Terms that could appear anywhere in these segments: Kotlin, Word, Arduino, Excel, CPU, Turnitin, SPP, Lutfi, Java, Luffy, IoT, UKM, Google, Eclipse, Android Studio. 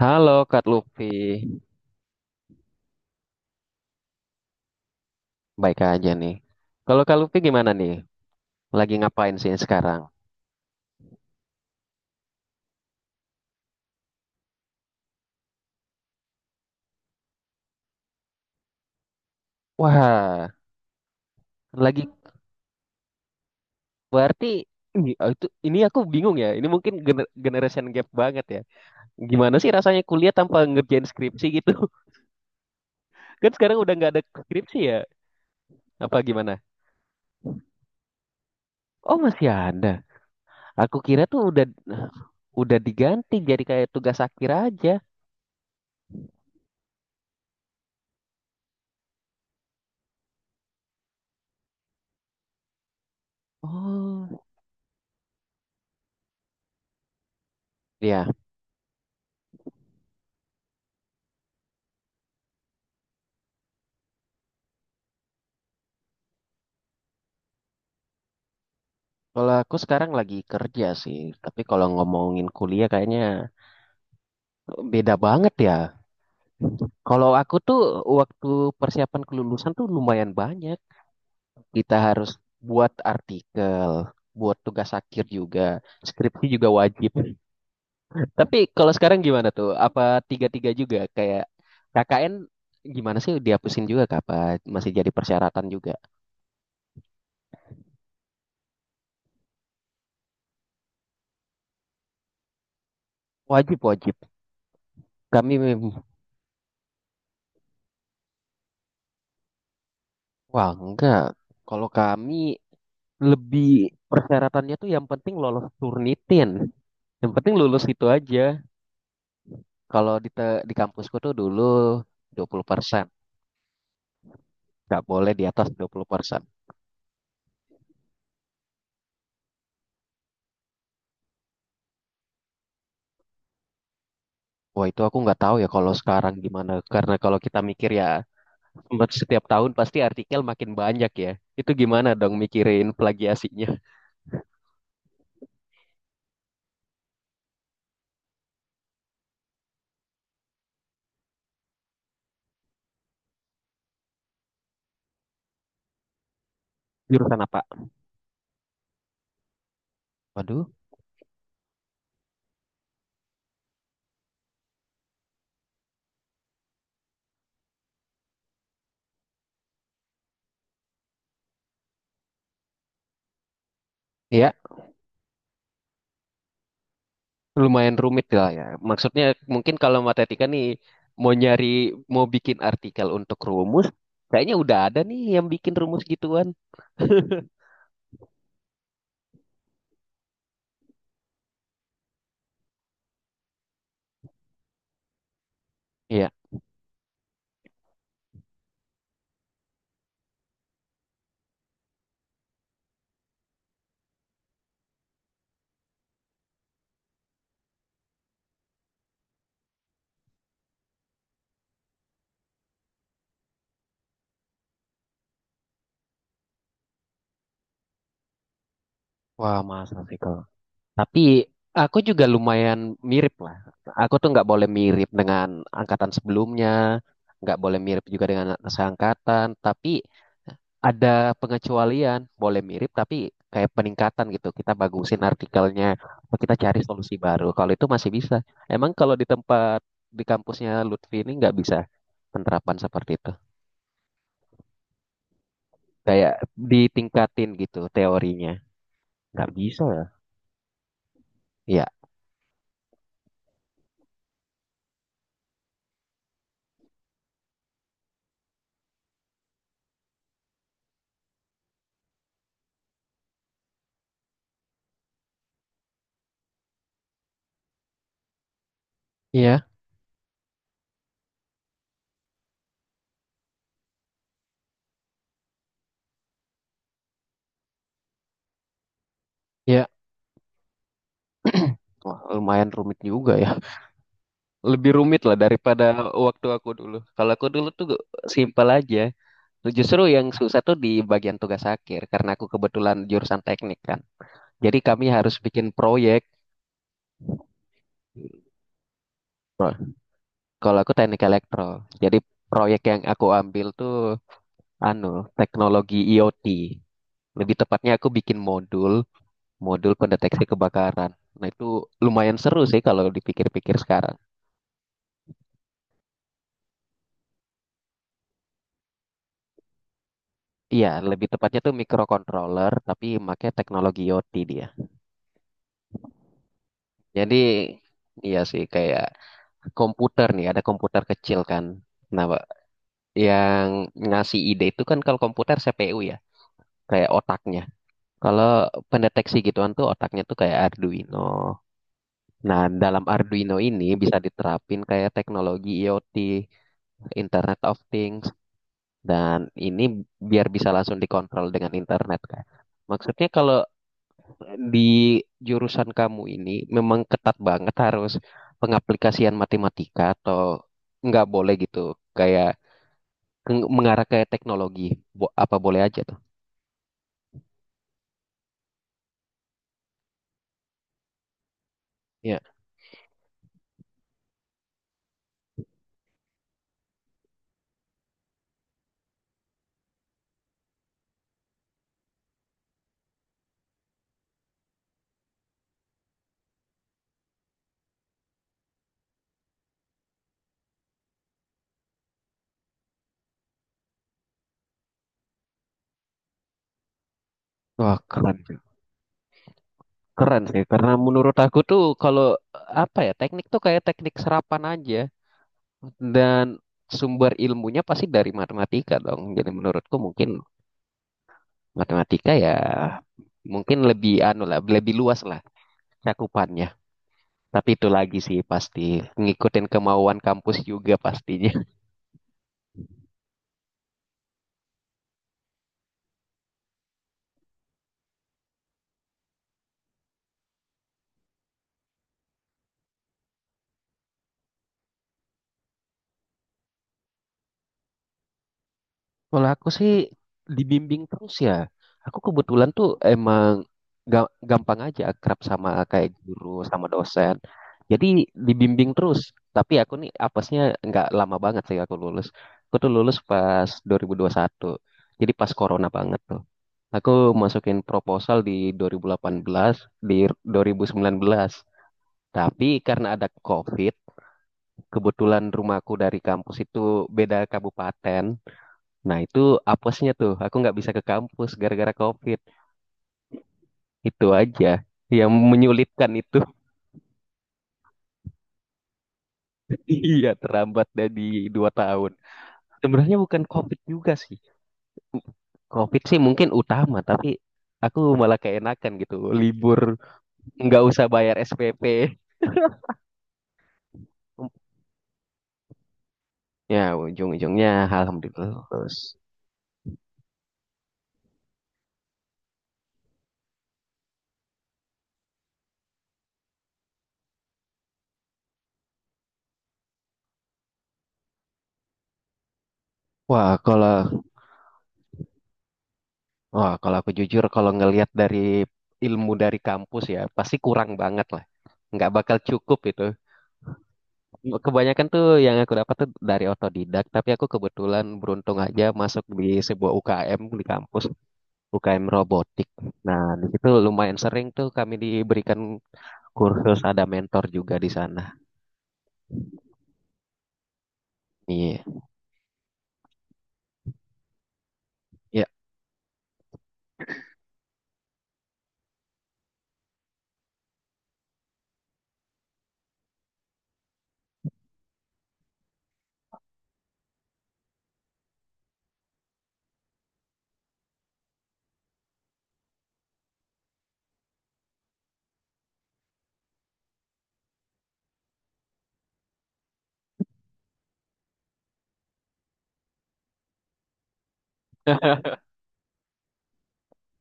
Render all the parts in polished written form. Halo Kak Luffy, baik aja nih. Kalau Kak Luffy gimana nih? Lagi ngapain sih sekarang? Wah, lagi berarti ini, oh, itu ini aku bingung ya. Ini mungkin generation gap banget ya. Gimana sih rasanya kuliah tanpa ngerjain skripsi gitu? Kan sekarang udah nggak ada skripsi ya? Apa gimana? Oh masih ada. Aku kira tuh udah diganti jadi kayak tugas akhir aja. Oh, ya. Kalau aku sekarang lagi kerja sih, tapi kalau ngomongin kuliah kayaknya beda banget ya. Kalau aku tuh waktu persiapan kelulusan tuh lumayan banyak. Kita harus buat artikel, buat tugas akhir juga, skripsi juga wajib. Tapi kalau sekarang gimana tuh? Apa tiga-tiga juga kayak KKN gimana sih dihapusin juga kah? Apa masih jadi persyaratan juga? Wajib, wajib. Kami, wah enggak. Kalau kami lebih persyaratannya tuh yang penting lolos Turnitin. Yang penting lulus itu aja. Kalau di kampusku tuh dulu 20%, nggak boleh di atas 20%. Wah itu aku nggak tahu ya kalau sekarang gimana. Karena kalau kita mikir ya setiap tahun pasti artikel makin banyak ya. Itu gimana dong mikirin plagiasinya? Jurusan apa? Waduh, ya lumayan rumit lah ya. Maksudnya mungkin kalau matematika nih mau nyari, mau bikin artikel untuk rumus, kayaknya udah ada nih yang bikin rumus gituan. Iya. Wah masa sih kalau. Tapi aku juga lumayan mirip lah. Aku tuh nggak boleh mirip dengan angkatan sebelumnya, nggak boleh mirip juga dengan seangkatan. Tapi ada pengecualian, boleh mirip tapi kayak peningkatan gitu. Kita bagusin artikelnya, atau kita cari solusi baru. Kalau itu masih bisa. Emang kalau di kampusnya Lutfi ini nggak bisa penerapan seperti itu. Kayak ditingkatin gitu teorinya. Nggak bisa ya? Iya, iya, iya. Wah, lumayan rumit juga ya. Lebih rumit lah daripada waktu aku dulu. Kalau aku dulu tuh simpel aja. Justru yang susah tuh di bagian tugas akhir karena aku kebetulan jurusan teknik kan. Jadi kami harus bikin proyek. Kalau aku teknik elektro. Jadi proyek yang aku ambil tuh anu teknologi IoT. Lebih tepatnya aku bikin modul, modul pendeteksi kebakaran. Nah itu lumayan seru sih kalau dipikir-pikir sekarang. Iya, lebih tepatnya tuh microcontroller tapi pakai teknologi IoT dia. Jadi iya sih kayak komputer nih, ada komputer kecil kan. Nah, Pak, yang ngasih ide itu kan kalau komputer CPU ya, kayak otaknya. Kalau pendeteksi gituan tuh otaknya tuh kayak Arduino. Nah, dalam Arduino ini bisa diterapin kayak teknologi IoT, Internet of Things, dan ini biar bisa langsung dikontrol dengan internet kan. Maksudnya kalau di jurusan kamu ini memang ketat banget harus pengaplikasian matematika atau nggak boleh gitu kayak mengarah ke teknologi, apa boleh aja tuh? Ya, wah, keren sih. Keren sih karena menurut aku tuh kalau apa ya teknik tuh kayak teknik serapan aja dan sumber ilmunya pasti dari matematika dong, jadi menurutku mungkin matematika ya mungkin lebih anu lah, lebih luas lah cakupannya. Tapi itu lagi sih pasti ngikutin kemauan kampus juga pastinya. Kalau aku sih dibimbing terus ya. Aku kebetulan tuh emang gampang aja akrab sama kayak guru, sama dosen. Jadi dibimbing terus. Tapi aku nih apesnya nggak lama banget sih aku lulus. Aku tuh lulus pas 2021. Jadi pas corona banget tuh. Aku masukin proposal di 2018, di 2019. Tapi karena ada COVID, kebetulan rumahku dari kampus itu beda kabupaten. Nah, itu apesnya tuh, aku nggak bisa ke kampus gara-gara COVID. Itu aja yang menyulitkan itu. Iya, terlambat dari 2 tahun. Sebenarnya bukan COVID juga sih. COVID sih mungkin utama, tapi aku malah keenakan gitu. Libur nggak usah bayar SPP. Ya, ujung-ujungnya alhamdulillah lulus. Wah, kalau Wah, kalau aku jujur, kalau ngelihat dari ilmu dari kampus ya, pasti kurang banget lah. Nggak bakal cukup itu. Kebanyakan tuh yang aku dapat tuh dari otodidak, tapi aku kebetulan beruntung aja masuk di sebuah UKM di kampus, UKM robotik. Nah, di situ lumayan sering tuh kami diberikan kursus, ada mentor juga di sana. Iya, iya,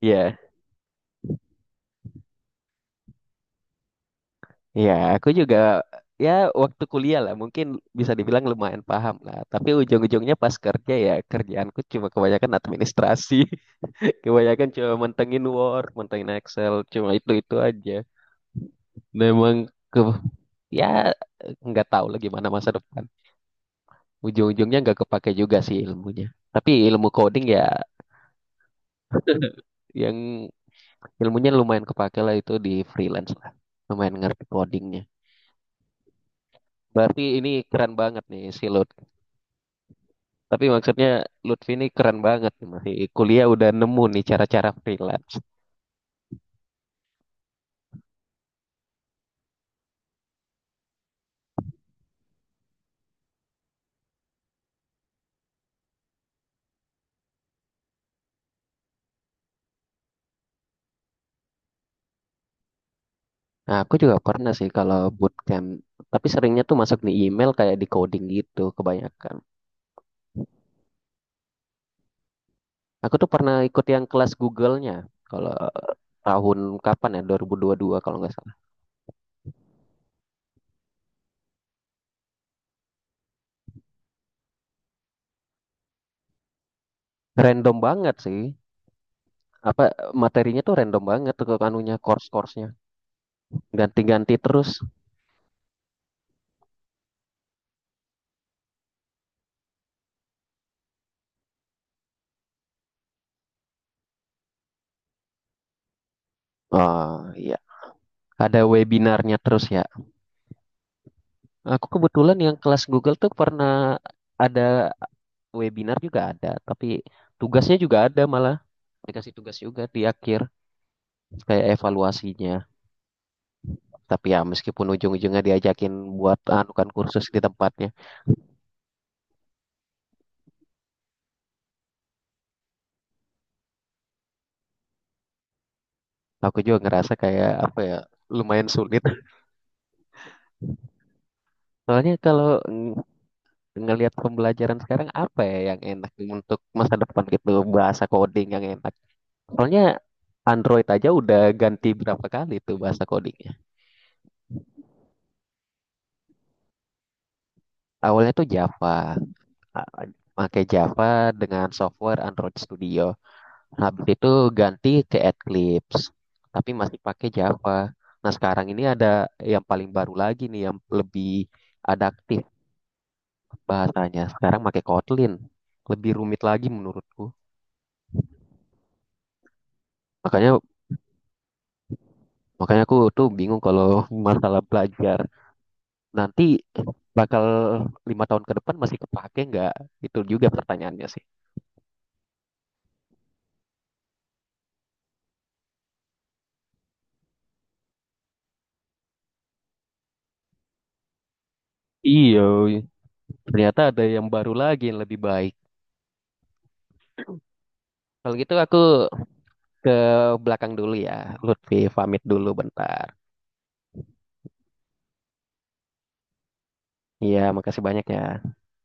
iya. Ya, aku juga ya waktu kuliah lah mungkin bisa dibilang lumayan paham lah. Tapi ujung-ujungnya pas kerja ya kerjaanku cuma kebanyakan administrasi, kebanyakan cuma mentengin Word, mentengin Excel, cuma itu-itu aja. Dan emang ke ya nggak tahu lah gimana masa depan. Ujung-ujungnya nggak kepake juga sih ilmunya. Tapi ilmu coding ya yang ilmunya lumayan kepake lah itu di freelance lah. Lumayan ngerti codingnya. Berarti ini keren banget nih si lo. Tapi maksudnya Lutfi ini keren banget nih, masih kuliah udah nemu nih cara-cara freelance. Nah, aku juga pernah sih kalau bootcamp, tapi seringnya tuh masuk di email kayak di coding gitu kebanyakan. Aku tuh pernah ikut yang kelas Google-nya kalau tahun kapan ya 2022 kalau nggak salah. Random banget sih. Apa materinya tuh random banget tuh anunya course-course-nya. Ganti-ganti terus. Oh iya, ada webinarnya terus ya. Aku kebetulan yang kelas Google tuh pernah ada webinar juga ada, tapi tugasnya juga ada, malah dikasih tugas juga di akhir kayak evaluasinya. Tapi ya meskipun ujung-ujungnya diajakin buat anukan kursus di tempatnya, aku juga ngerasa kayak apa ya lumayan sulit. Soalnya kalau ngelihat pembelajaran sekarang apa ya yang enak untuk masa depan gitu, bahasa coding yang enak. Soalnya Android aja udah ganti berapa kali tuh bahasa codingnya. Awalnya tuh Java, pakai Java dengan software Android Studio. Habis itu ganti ke Eclipse, tapi masih pakai Java. Nah, sekarang ini ada yang paling baru lagi nih, yang lebih adaptif bahasanya. Sekarang pakai Kotlin, lebih rumit lagi menurutku. Makanya, makanya aku tuh bingung kalau masalah belajar nanti bakal 5 tahun ke depan masih kepake nggak? Itu juga pertanyaannya sih. Iya, ternyata ada yang baru lagi yang lebih baik. Kalau gitu aku ke belakang dulu ya, Lutfi pamit dulu bentar. Iya, makasih banyak ya.